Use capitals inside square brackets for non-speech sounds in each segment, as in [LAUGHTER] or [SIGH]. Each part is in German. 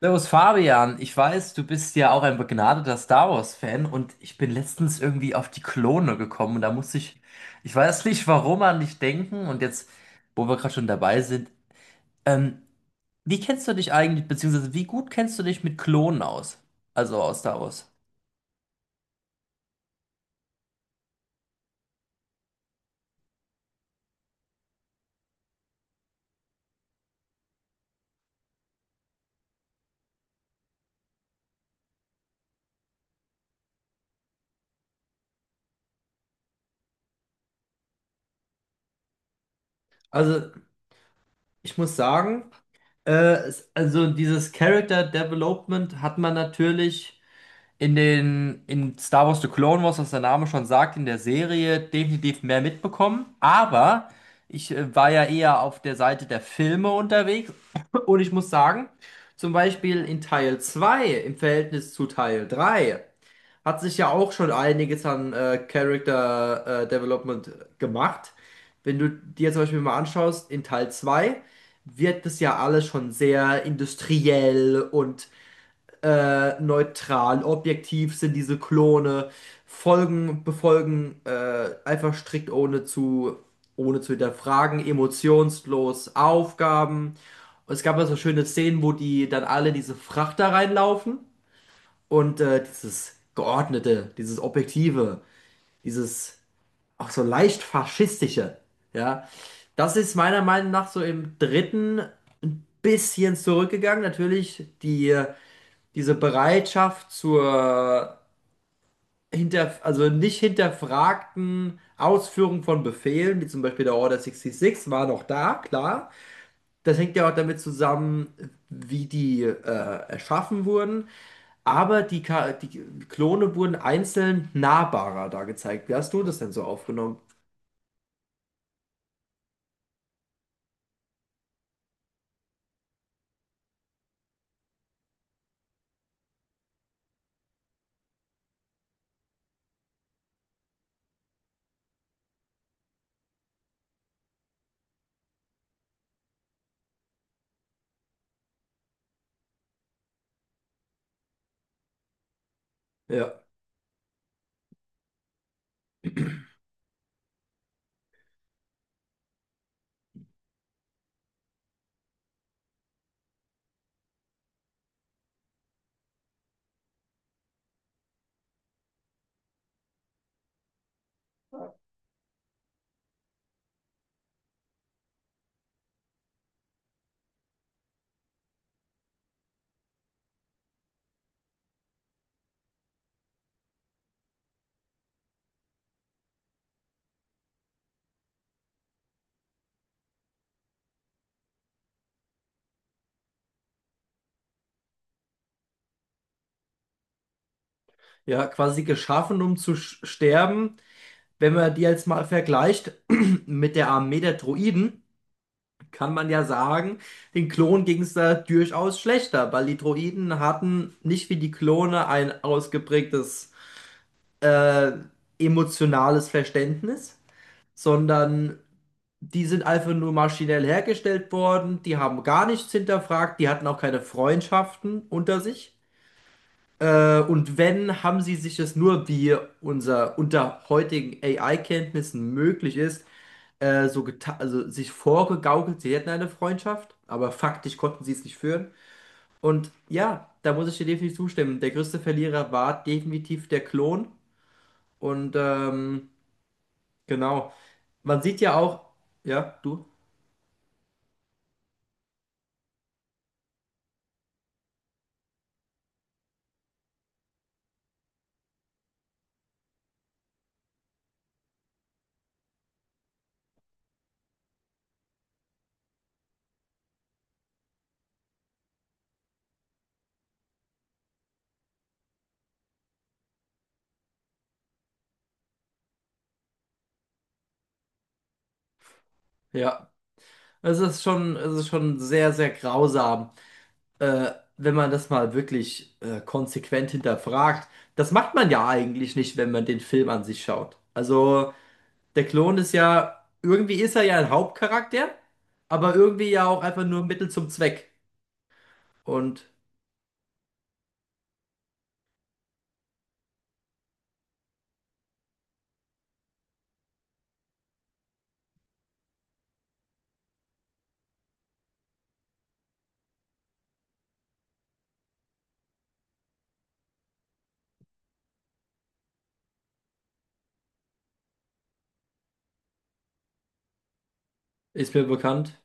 Servus Fabian, ich weiß, du bist ja auch ein begnadeter Star Wars-Fan und ich bin letztens irgendwie auf die Klone gekommen und da musste ich, ich weiß nicht warum, an dich denken und jetzt, wo wir gerade schon dabei sind, ähm, wie kennst du dich eigentlich, beziehungsweise wie gut kennst du dich mit Klonen aus? Also aus Star Wars. Also, ich muss sagen, äh, also dieses Character Development hat man natürlich in den, in Star Wars The Clone Wars, was der Name schon sagt, in der Serie definitiv mehr mitbekommen. Aber ich war ja eher auf der Seite der Filme unterwegs. [CLEARS THROAT] Und ich muss sagen, zum Beispiel in Teil 2 im Verhältnis zu Teil 3 hat sich ja auch schon einiges an Character Development gemacht. Wenn du dir zum Beispiel mal anschaust, in Teil 2, wird das ja alles schon sehr industriell und neutral, objektiv sind diese Klone, folgen, befolgen einfach strikt ohne zu hinterfragen, emotionslos Aufgaben. Und es gab da so schöne Szenen, wo die dann alle diese Frachter reinlaufen und dieses Geordnete, dieses Objektive, dieses auch so leicht faschistische, ja, das ist meiner Meinung nach so im dritten ein bisschen zurückgegangen. Natürlich, die diese Bereitschaft zur also nicht hinterfragten Ausführung von Befehlen, wie zum Beispiel der Order 66, war noch da, klar. Das hängt ja auch damit zusammen, wie die erschaffen wurden. Aber die Klone wurden einzeln nahbarer da gezeigt. Wie hast du das denn so aufgenommen? Ja, ja, quasi geschaffen, um zu sterben. Wenn man die jetzt mal vergleicht [CLEARS THROAT] mit der Armee der Droiden, kann man ja sagen, den Klonen ging es da durchaus schlechter, weil die Droiden hatten nicht wie die Klone ein ausgeprägtes äh, emotionales Verständnis, sondern die sind einfach nur maschinell hergestellt worden, die haben gar nichts hinterfragt, die hatten auch keine Freundschaften unter sich. Und wenn, haben sie sich es nur, wie unser unter heutigen AI-Kenntnissen möglich ist, so geta also sich vorgegaukelt, sie hätten eine Freundschaft, aber faktisch konnten sie es nicht führen. Und ja, da muss ich dir definitiv zustimmen. Der größte Verlierer war definitiv der Klon. Und genau, man sieht ja auch, ja, du, ja, es ist schon sehr, sehr grausam, wenn man das mal wirklich konsequent hinterfragt. Das macht man ja eigentlich nicht, wenn man den Film an sich schaut. Also. Der Klon ist ja, irgendwie ist er ja ein Hauptcharakter, aber irgendwie ja auch einfach nur Mittel zum Zweck. Und ist mir bekannt.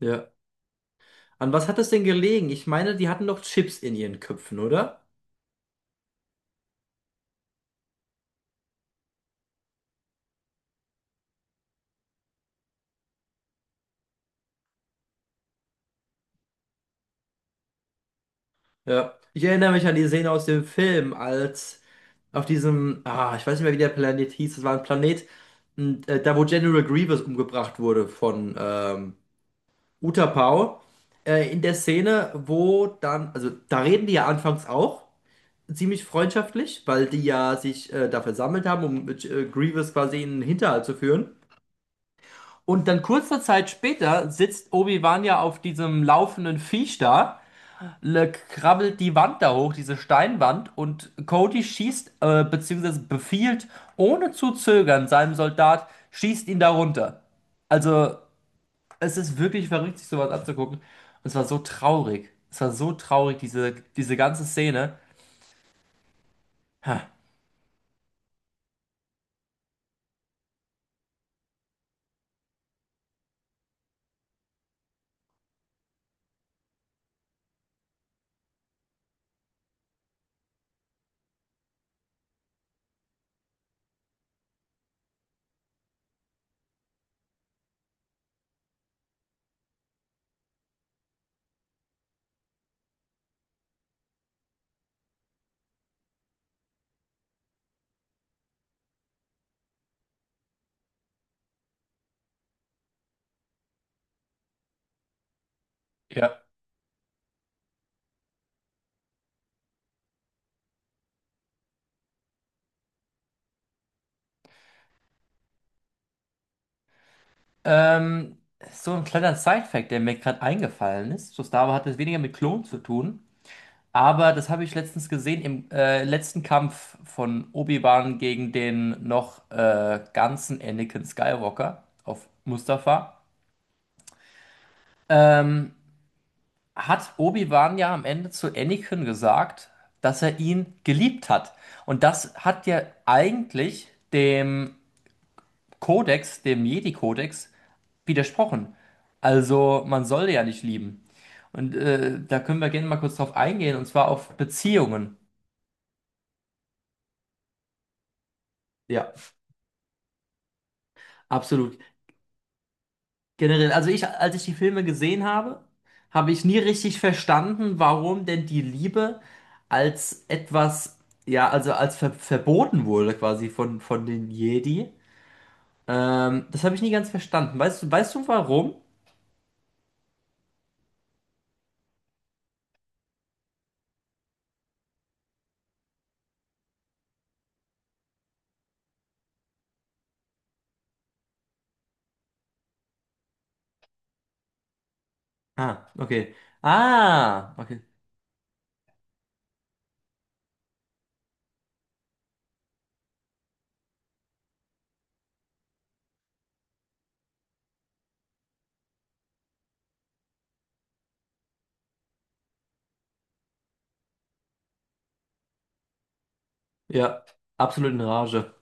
Ja. An was hat das denn gelegen? Ich meine, die hatten doch Chips in ihren Köpfen, oder? Ja. Ich erinnere mich an die Szene aus dem Film, als auf diesem, ah, ich weiß nicht mehr, wie der Planet hieß, das war ein Planet, und, da wo General Grievous umgebracht wurde von Utapau. In der Szene, wo dann, also da reden die ja anfangs auch ziemlich freundschaftlich, weil die ja sich da versammelt haben, um mit, Grievous quasi in den Hinterhalt zu führen. Und dann kurze Zeit später sitzt Obi-Wan ja auf diesem laufenden Viech da, le krabbelt die Wand da hoch, diese Steinwand, und Cody schießt, beziehungsweise befiehlt, ohne zu zögern, seinem Soldat, schießt ihn da runter. Also, es ist wirklich verrückt, sich sowas anzugucken. Und es war so traurig. Es war so traurig, diese, diese ganze Szene. Ha. Ja. Ähm, so ein kleiner Side-Fact, der mir gerade eingefallen ist. So Star Wars hat es weniger mit Klonen zu tun, aber das habe ich letztens gesehen im letzten Kampf von Obi-Wan gegen den noch ganzen Anakin Skywalker auf Mustafar. Ähm, hat Obi-Wan ja am Ende zu Anakin gesagt, dass er ihn geliebt hat. Und das hat ja eigentlich dem Kodex, dem Jedi-Kodex, widersprochen. Also man soll ja nicht lieben. Und da können wir gerne mal kurz drauf eingehen, und zwar auf Beziehungen. Ja, absolut. Generell, also ich, als ich die Filme gesehen habe, habe ich nie richtig verstanden, warum denn die Liebe als etwas, ja, also als verboten wurde quasi von den Jedi. Das habe ich nie ganz verstanden. Weißt du warum? Ah, okay. Ah, okay. Ja, absolut in Rage.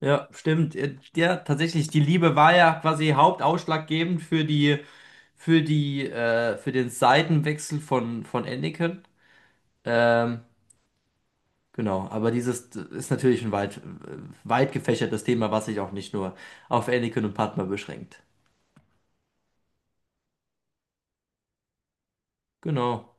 Ja, stimmt. Ja, tatsächlich, die Liebe war ja quasi hauptausschlaggebend für die, für die, für den Seitenwechsel von Anakin. Ähm, genau, aber dieses ist natürlich ein weit, weit gefächertes Thema, was sich auch nicht nur auf Anakin und Padma beschränkt. Genau.